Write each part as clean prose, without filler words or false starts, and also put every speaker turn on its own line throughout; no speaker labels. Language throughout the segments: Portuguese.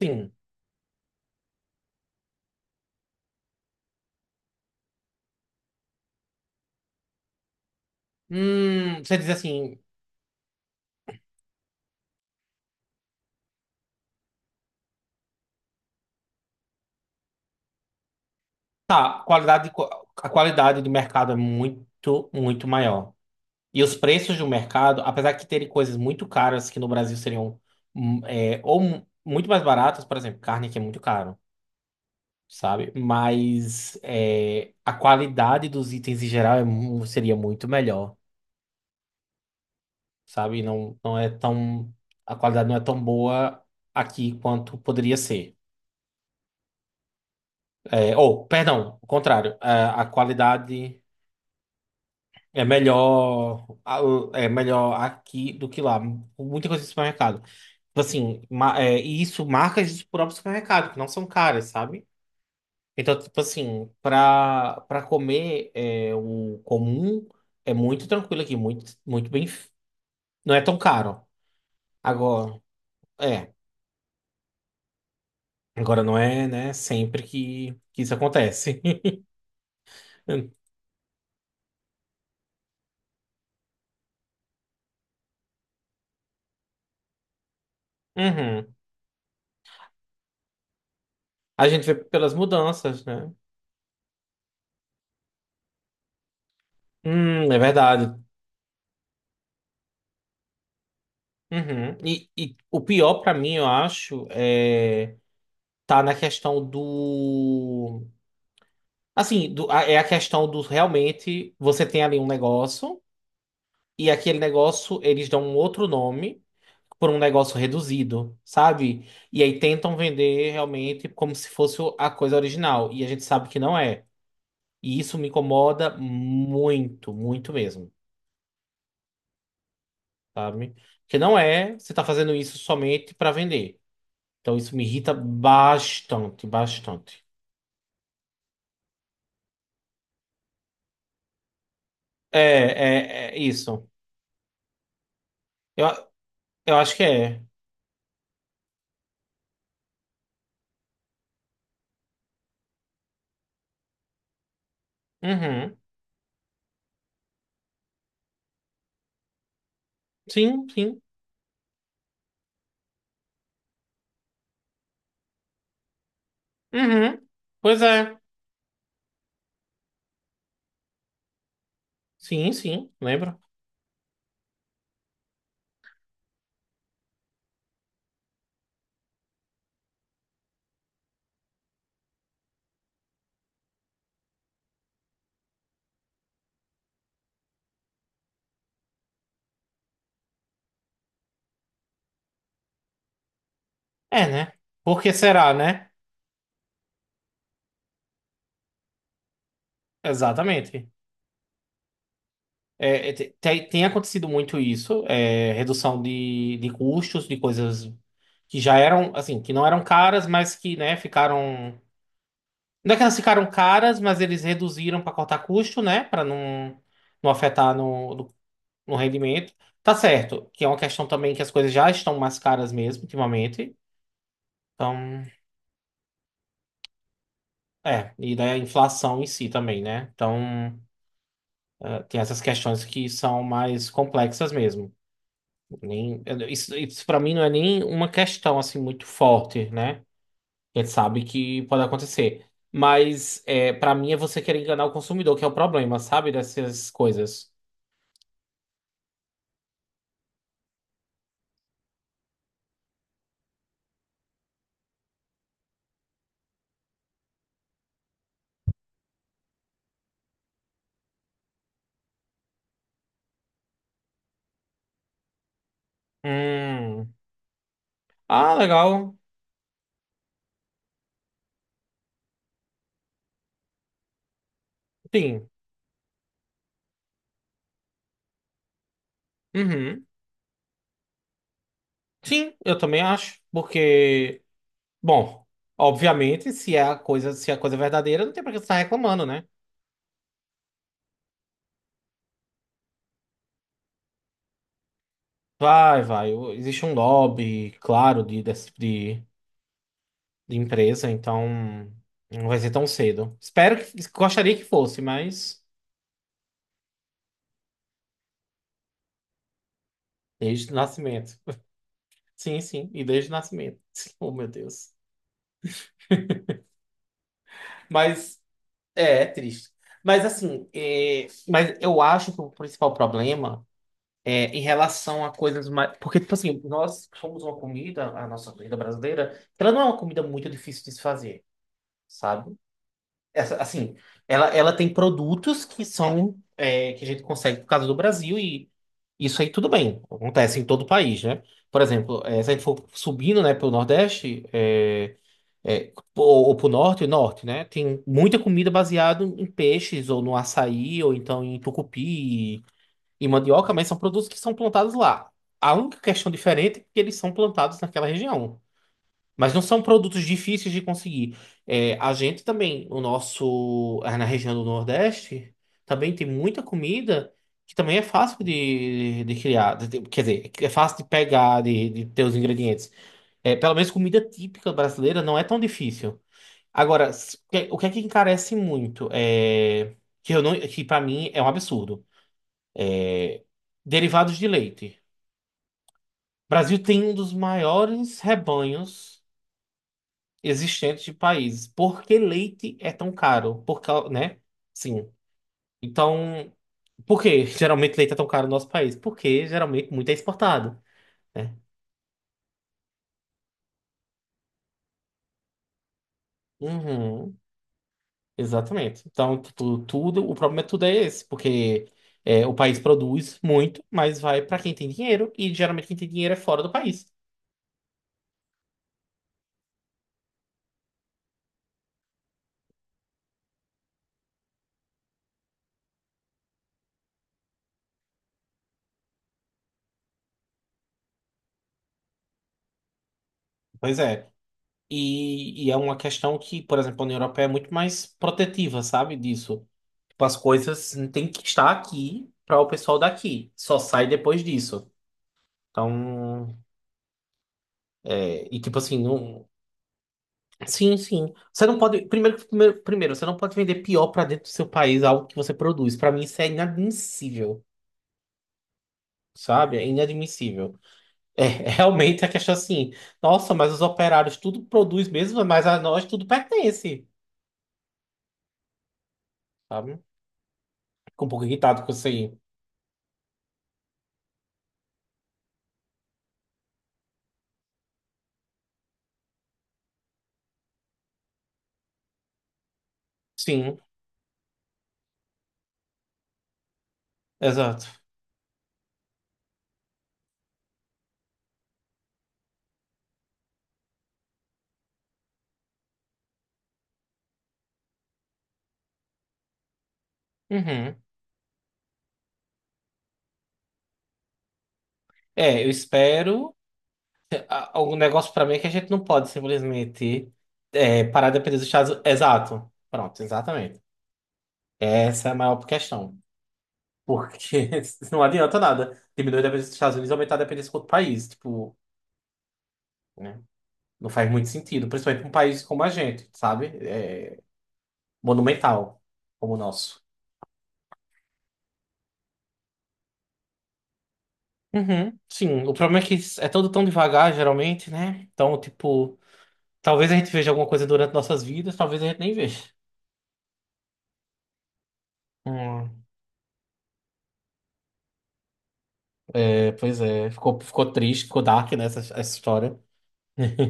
Sim. Você diz assim, tá, a qualidade do mercado é muito, muito maior. E os preços do mercado, apesar de terem coisas muito caras que no Brasil seriam muito mais baratas, por exemplo, carne que é muito caro, sabe? A qualidade dos itens em geral seria muito melhor, sabe? Não, não é tão, a qualidade não é tão boa aqui quanto poderia ser. Perdão, o contrário, a qualidade. É melhor, é melhor aqui do que lá. Muita coisa de supermercado. Tipo assim, e isso marcas do próprio supermercado, que não são caras, sabe? Então, tipo assim, pra o comum é muito tranquilo aqui, muito, muito bem. Não é tão caro. Agora, é. Agora não é, né, sempre que isso acontece. Uhum. A gente vê pelas mudanças, né? É verdade. Uhum. E o pior pra mim, eu acho, é tá na questão do assim, é a questão do realmente você tem ali um negócio e aquele negócio eles dão um outro nome por um negócio reduzido, sabe? E aí tentam vender realmente como se fosse a coisa original e a gente sabe que não é. E isso me incomoda muito, muito mesmo, sabe? Porque não é, você tá fazendo isso somente pra vender. Então isso me irrita bastante, bastante. É isso. Eu, eu acho que é. Uhum. Sim, sim. Uhum. Pois é. Sim, sim, lembro. É, né? Por que será, né? Exatamente. Tem acontecido muito isso, é, redução de custos, de coisas que já eram, assim, que não eram caras, mas que, né, ficaram. Não é que elas ficaram caras, mas eles reduziram para cortar custo, né? Para não, não afetar no no rendimento. Tá certo, que é uma questão também que as coisas já estão mais caras mesmo ultimamente. Então, é, e daí a inflação em si também, né? Então, tem essas questões que são mais complexas mesmo. Nem, eu- isso para mim não é nem uma questão assim muito forte, né? A gente sabe que pode acontecer. Mas é, para mim é você querer enganar o consumidor, que é o problema, sabe? Dessas coisas. Hum. Ah, legal. Sim. Uhum. Sim, eu também acho, porque bom, obviamente, se é a coisa, se é a coisa verdadeira, não tem pra que você estar reclamando, né? Vai, vai. Existe um lobby, claro, de empresa, então não vai ser tão cedo. Espero que, gostaria que fosse, mas desde o nascimento. Sim, sim, e desde o nascimento. Oh, meu Deus. Mas é, é triste. Mas assim, é, mas eu acho que o principal problema é, em relação a coisas mais. Porque, tipo assim, nós somos uma comida, a nossa comida brasileira, ela não é uma comida muito difícil de se fazer, sabe? Essa, assim, ela tem produtos que são. É, que a gente consegue por causa do Brasil e isso aí tudo bem, acontece em todo o país, né? Por exemplo, é, se a gente for subindo, né, pro Nordeste, ou pro Norte, Norte, né? Tem muita comida baseada em peixes, ou no açaí, ou então em tucupi e mandioca, mas são produtos que são plantados lá. A única questão diferente é que eles são plantados naquela região. Mas não são produtos difíceis de conseguir. É, a gente também, o nosso, ah, na região do Nordeste, também tem muita comida que também é fácil de criar. Quer dizer, é fácil de pegar, de ter os ingredientes. É, pelo menos comida típica brasileira não é tão difícil. Agora, o que é que encarece muito? É, que eu não, que para mim é um absurdo. Derivados de leite. Brasil tem um dos maiores rebanhos existentes de países. Por que leite é tão caro? Né? Sim. Então, por que geralmente leite é tão caro no nosso país? Porque geralmente muito é exportado, né? Uhum, exatamente. Então, tipo, tudo, o problema é tudo é esse, porque é, o país produz muito, mas vai para quem tem dinheiro, e geralmente quem tem dinheiro é fora do país. Pois é. E é uma questão que, por exemplo, a União Europeia é muito mais protetiva, sabe, disso. Tipo, as coisas tem que estar aqui para o pessoal daqui. Só sai depois disso. Então, é, e tipo assim, não. Sim, sim. Você não pode. Primeiro, você não pode vender pior para dentro do seu país algo que você produz. Para mim, isso é inadmissível, sabe? É inadmissível. É, realmente a questão assim. Nossa, mas os operários tudo produz mesmo, mas a nós tudo pertence, sabe? Fico um pouco irritado com isso aí. Sim, exato. Uhum. É, eu espero. O negócio pra mim é que a gente não pode simplesmente é, parar de depender dos Estados Unidos. Exato. Pronto, exatamente. Essa é a maior questão. Porque não adianta nada diminuir a dependência dos Estados Unidos e aumentar a dependência com outro país. Tipo, né? Não faz muito sentido. Principalmente pra um país como a gente, sabe? É, monumental como o nosso. Uhum, sim. O problema é que é tudo tão devagar, geralmente, né? Então, tipo, talvez a gente veja alguma coisa durante nossas vidas, talvez a gente nem veja. É, pois é, ficou triste, ficou dark nessa essa história.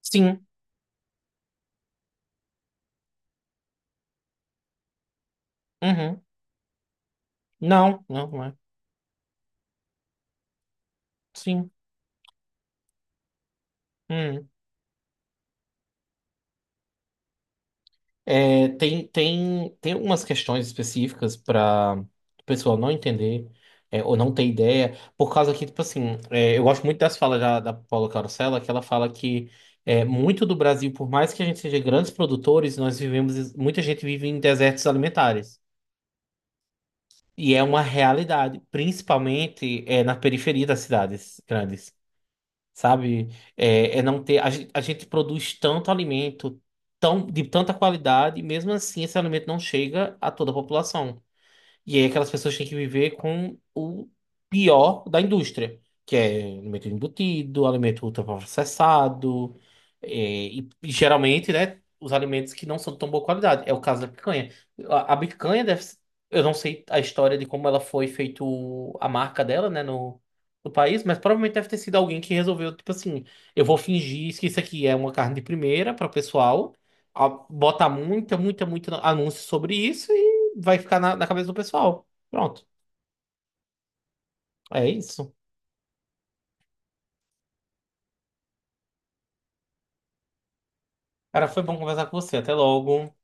Sim, uhum. Não, não, não é. Sim. Uhum. Tem algumas questões específicas para o pessoal não entender é, ou não ter ideia, por causa que, tipo assim, é, eu gosto muito das falas da Paula Carosella, que ela fala que é, muito do Brasil, por mais que a gente seja grandes produtores, nós vivemos, muita gente vive em desertos alimentares. E é uma realidade, principalmente é, na periferia das cidades grandes, sabe? É, é não ter, a gente produz tanto alimento, tão, de tanta qualidade, e mesmo assim esse alimento não chega a toda a população. E aí aquelas pessoas têm que viver com o pior da indústria, que é alimento embutido, alimento ultraprocessado, é, e geralmente, né, os alimentos que não são de tão boa qualidade. É o caso da picanha. A picanha eu não sei a história de como ela foi feito a marca dela, né, no país, mas provavelmente deve ter sido alguém que resolveu, tipo assim, eu vou fingir que isso aqui é uma carne de primeira para o pessoal, botar muito anúncio sobre isso vai ficar na cabeça do pessoal. Pronto. É isso. Cara, foi bom conversar com você. Até logo.